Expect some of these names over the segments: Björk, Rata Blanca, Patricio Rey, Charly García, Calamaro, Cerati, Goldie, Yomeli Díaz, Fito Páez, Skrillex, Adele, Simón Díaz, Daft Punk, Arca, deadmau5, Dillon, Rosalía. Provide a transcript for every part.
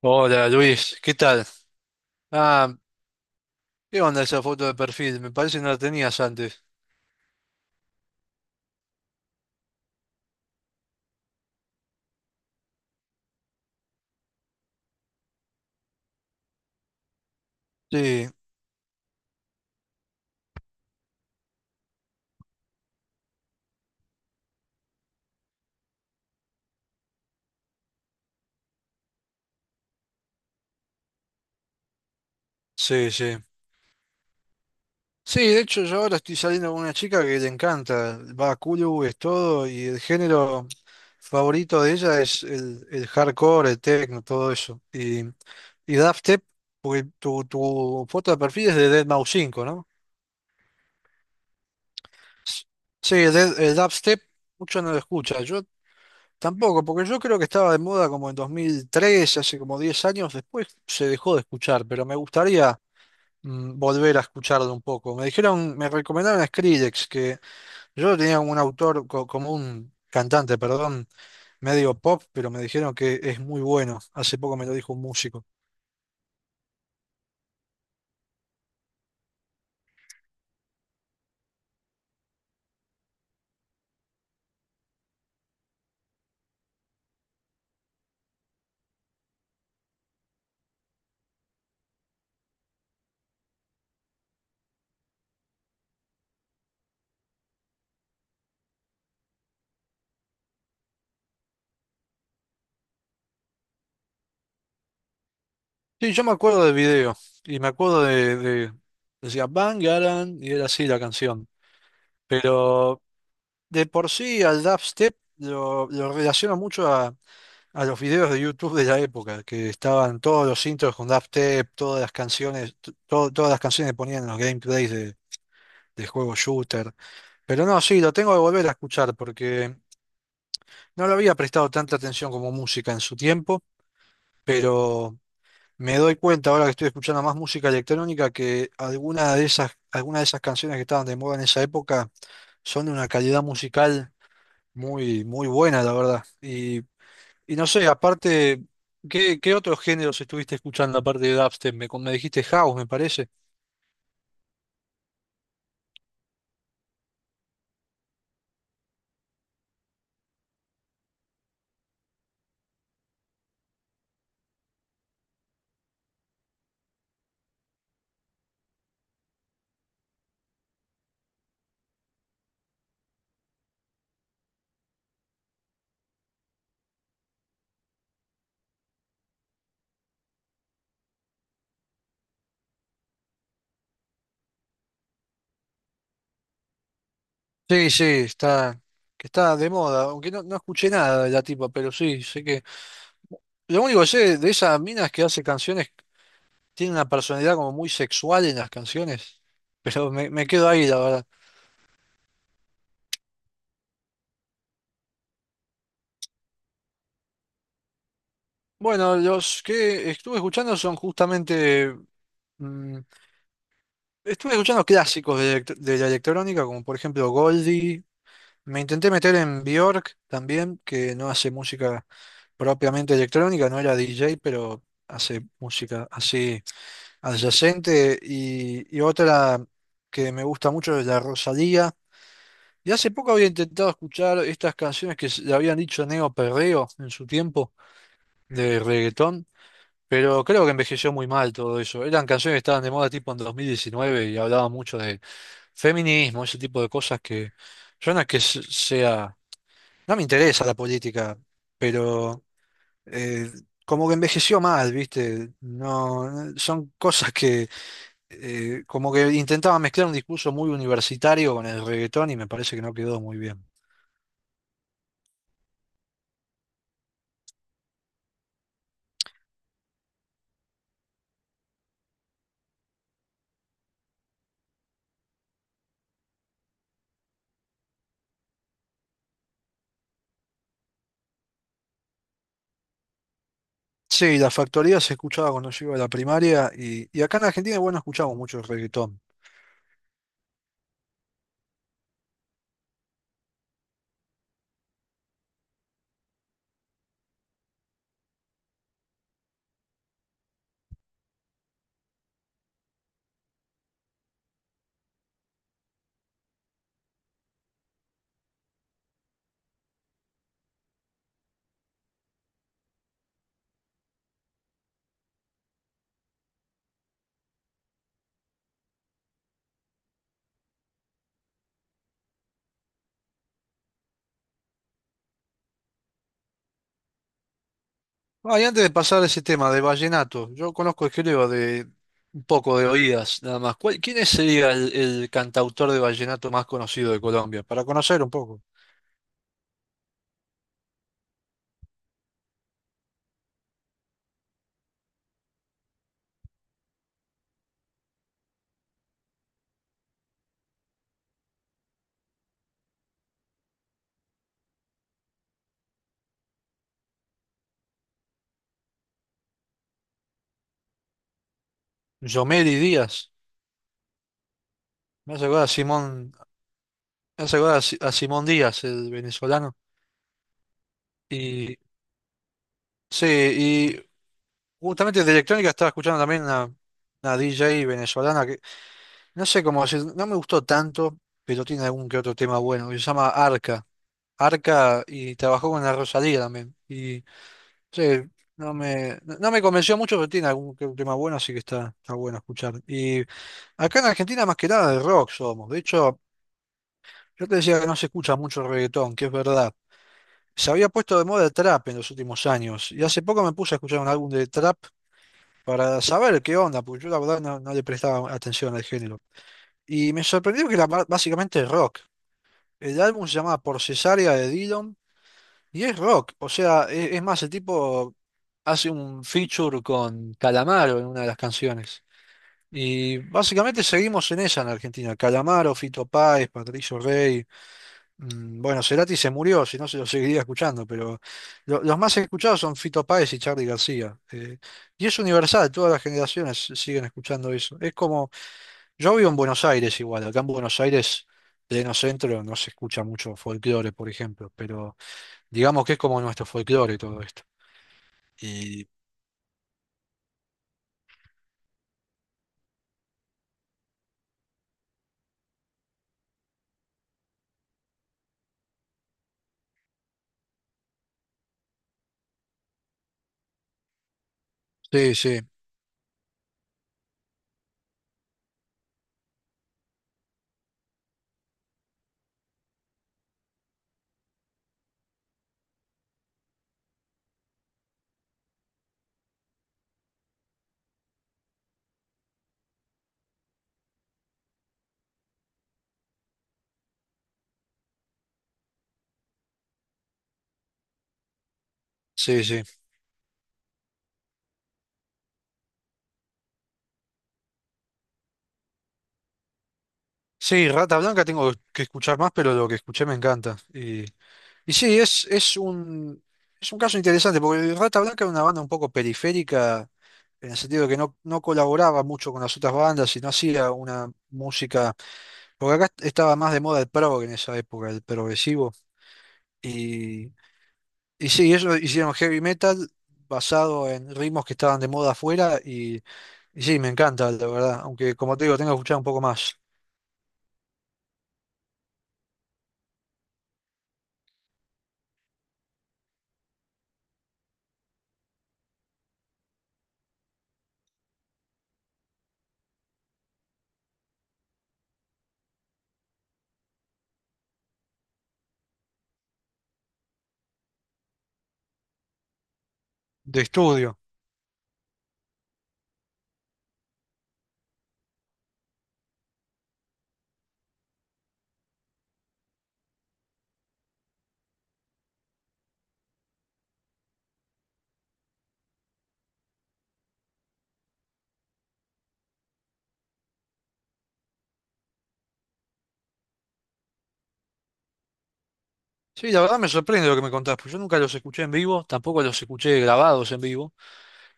Hola Luis, ¿qué tal? Ah, ¿qué onda esa foto de perfil? Me parece que no la tenías antes. Sí, sí. Sí, de hecho yo ahora estoy saliendo con una chica que le encanta, va a Kulu, es todo, y el género favorito de ella es el hardcore, el techno, todo eso. Y Daft Tep, porque tu foto de perfil es de deadmau 5, ¿no? Sí, el dubstep mucho no lo escucha. Yo tampoco, porque yo creo que estaba de moda como en 2003, hace como 10 años, después se dejó de escuchar, pero me gustaría volver a escucharlo un poco. Me dijeron, me recomendaron a Skrillex, que yo tenía un autor, como un cantante, perdón, medio pop, pero me dijeron que es muy bueno. Hace poco me lo dijo un músico. Sí, yo me acuerdo del video, y me acuerdo de decía Bangaran, y era así la canción. Pero de por sí al dubstep lo relaciono mucho a los videos de YouTube de la época, que estaban todos los intros con dubstep, todas las canciones, todas las canciones que ponían en los gameplays de juego shooter. Pero no, sí, lo tengo que volver a escuchar porque no le había prestado tanta atención como música en su tiempo, pero me doy cuenta ahora que estoy escuchando más música electrónica que alguna de esas canciones que estaban de moda en esa época son de una calidad musical muy, muy buena, la verdad. Y no sé, aparte, ¿ qué otros géneros estuviste escuchando aparte de dubstep? Me dijiste house, me parece. Sí, sí, está, que está de moda, aunque no, no escuché nada de la tipa, pero sí, sé que... Lo único que sé de esas minas que hace canciones, tiene una personalidad como muy sexual en las canciones, pero me quedo ahí, la verdad. Bueno, los que estuve escuchando son justamente... mm, estuve escuchando clásicos de la electrónica, como por ejemplo Goldie. Me intenté meter en Björk también, que no hace música propiamente electrónica, no era DJ, pero hace música así adyacente. Y otra que me gusta mucho es la Rosalía. Y hace poco había intentado escuchar estas canciones que le habían dicho Neo Perreo en su tiempo de reggaetón, pero creo que envejeció muy mal todo eso. Eran canciones que estaban de moda tipo en 2019 y hablaban mucho de feminismo, ese tipo de cosas que yo no es que sea, no me interesa la política, pero eh, como que envejeció mal, ¿viste? No, son cosas que como que intentaba mezclar un discurso muy universitario con el reggaetón y me parece que no quedó muy bien. Sí, la factoría se escuchaba cuando yo iba a la primaria y acá en Argentina, bueno, escuchamos mucho reggaetón. Ah, y antes de pasar a ese tema de vallenato, yo conozco, creo, de un poco de oídas, nada más. ¿Cuál- quién es, sería el cantautor de vallenato más conocido de Colombia? Para conocer un poco. Yomeli Díaz. Me hace acordar a Simón, me hace acordar a, a Simón Díaz, el venezolano. Y sí, y justamente de electrónica estaba escuchando también una DJ venezolana que no sé cómo decir, no me gustó tanto, pero tiene algún que otro tema bueno, que se llama Arca. Arca y trabajó con la Rosalía también. Y sí, no me convenció mucho, pero tiene algún que otro tema bueno, así que está, está bueno escuchar. Y acá en Argentina más que nada de rock somos. De hecho, yo te decía que no se escucha mucho reggaetón, que es verdad. Se había puesto de moda el trap en los últimos años y hace poco me puse a escuchar un álbum de trap para saber qué onda, porque yo la verdad no, no le prestaba atención al género. Y me sorprendió que era básicamente rock. El álbum se llama Por Cesárea de Dillon y es rock, o sea, es más, el tipo hace un feature con Calamaro en una de las canciones. Y básicamente seguimos en esa en Argentina. Calamaro, Fito Páez, Patricio Rey. Bueno, Cerati se murió, si no se lo seguiría escuchando, pero los más escuchados son Fito Páez y Charly García. Y es universal, todas las generaciones siguen escuchando eso. Es como, yo vivo en Buenos Aires igual, acá en Buenos Aires, pleno centro, no se escucha mucho folclore, por ejemplo, pero digamos que es como nuestro folclore todo esto. Y sí, sí, sí. Sí, Rata Blanca tengo que escuchar más, pero lo que escuché me encanta. Y sí, es un caso interesante, porque Rata Blanca era una banda un poco periférica, en el sentido de que no colaboraba mucho con las otras bandas y no hacía una música, porque acá estaba más de moda el prog en esa época, el progresivo. Y, y sí, ellos hicieron heavy metal basado en ritmos que estaban de moda afuera y sí, me encanta, la verdad, aunque como te digo, tengo que escuchar un poco más de estudio. Sí, la verdad me sorprende lo que me contás, porque yo nunca los escuché en vivo, tampoco los escuché grabados en vivo.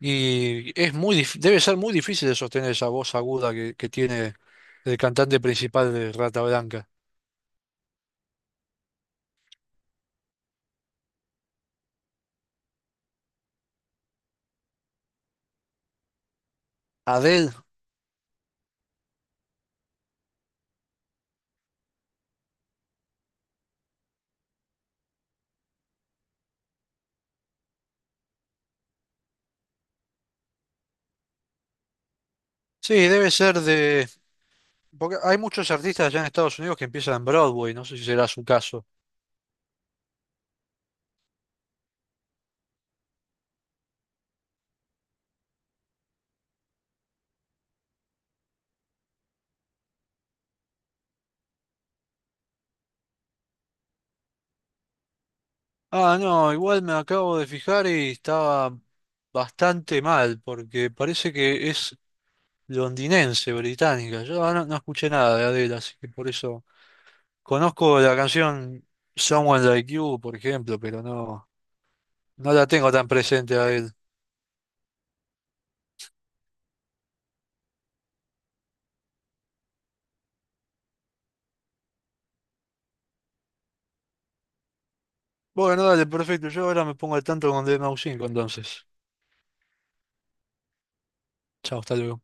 Y es muy, debe ser muy difícil de sostener esa voz aguda que tiene el cantante principal de Rata Blanca. Adele. Sí, debe ser de... Porque hay muchos artistas allá en Estados Unidos que empiezan en Broadway, no sé si será su caso. Ah, no, igual me acabo de fijar y estaba bastante mal, porque parece que es londinense, británica. Yo no escuché nada de Adele, así que por eso conozco la canción Someone Like You, por ejemplo, pero no, no la tengo tan presente a... Bueno, dale, perfecto. Yo ahora me pongo al tanto con DMAU5 entonces. Chao, hasta luego.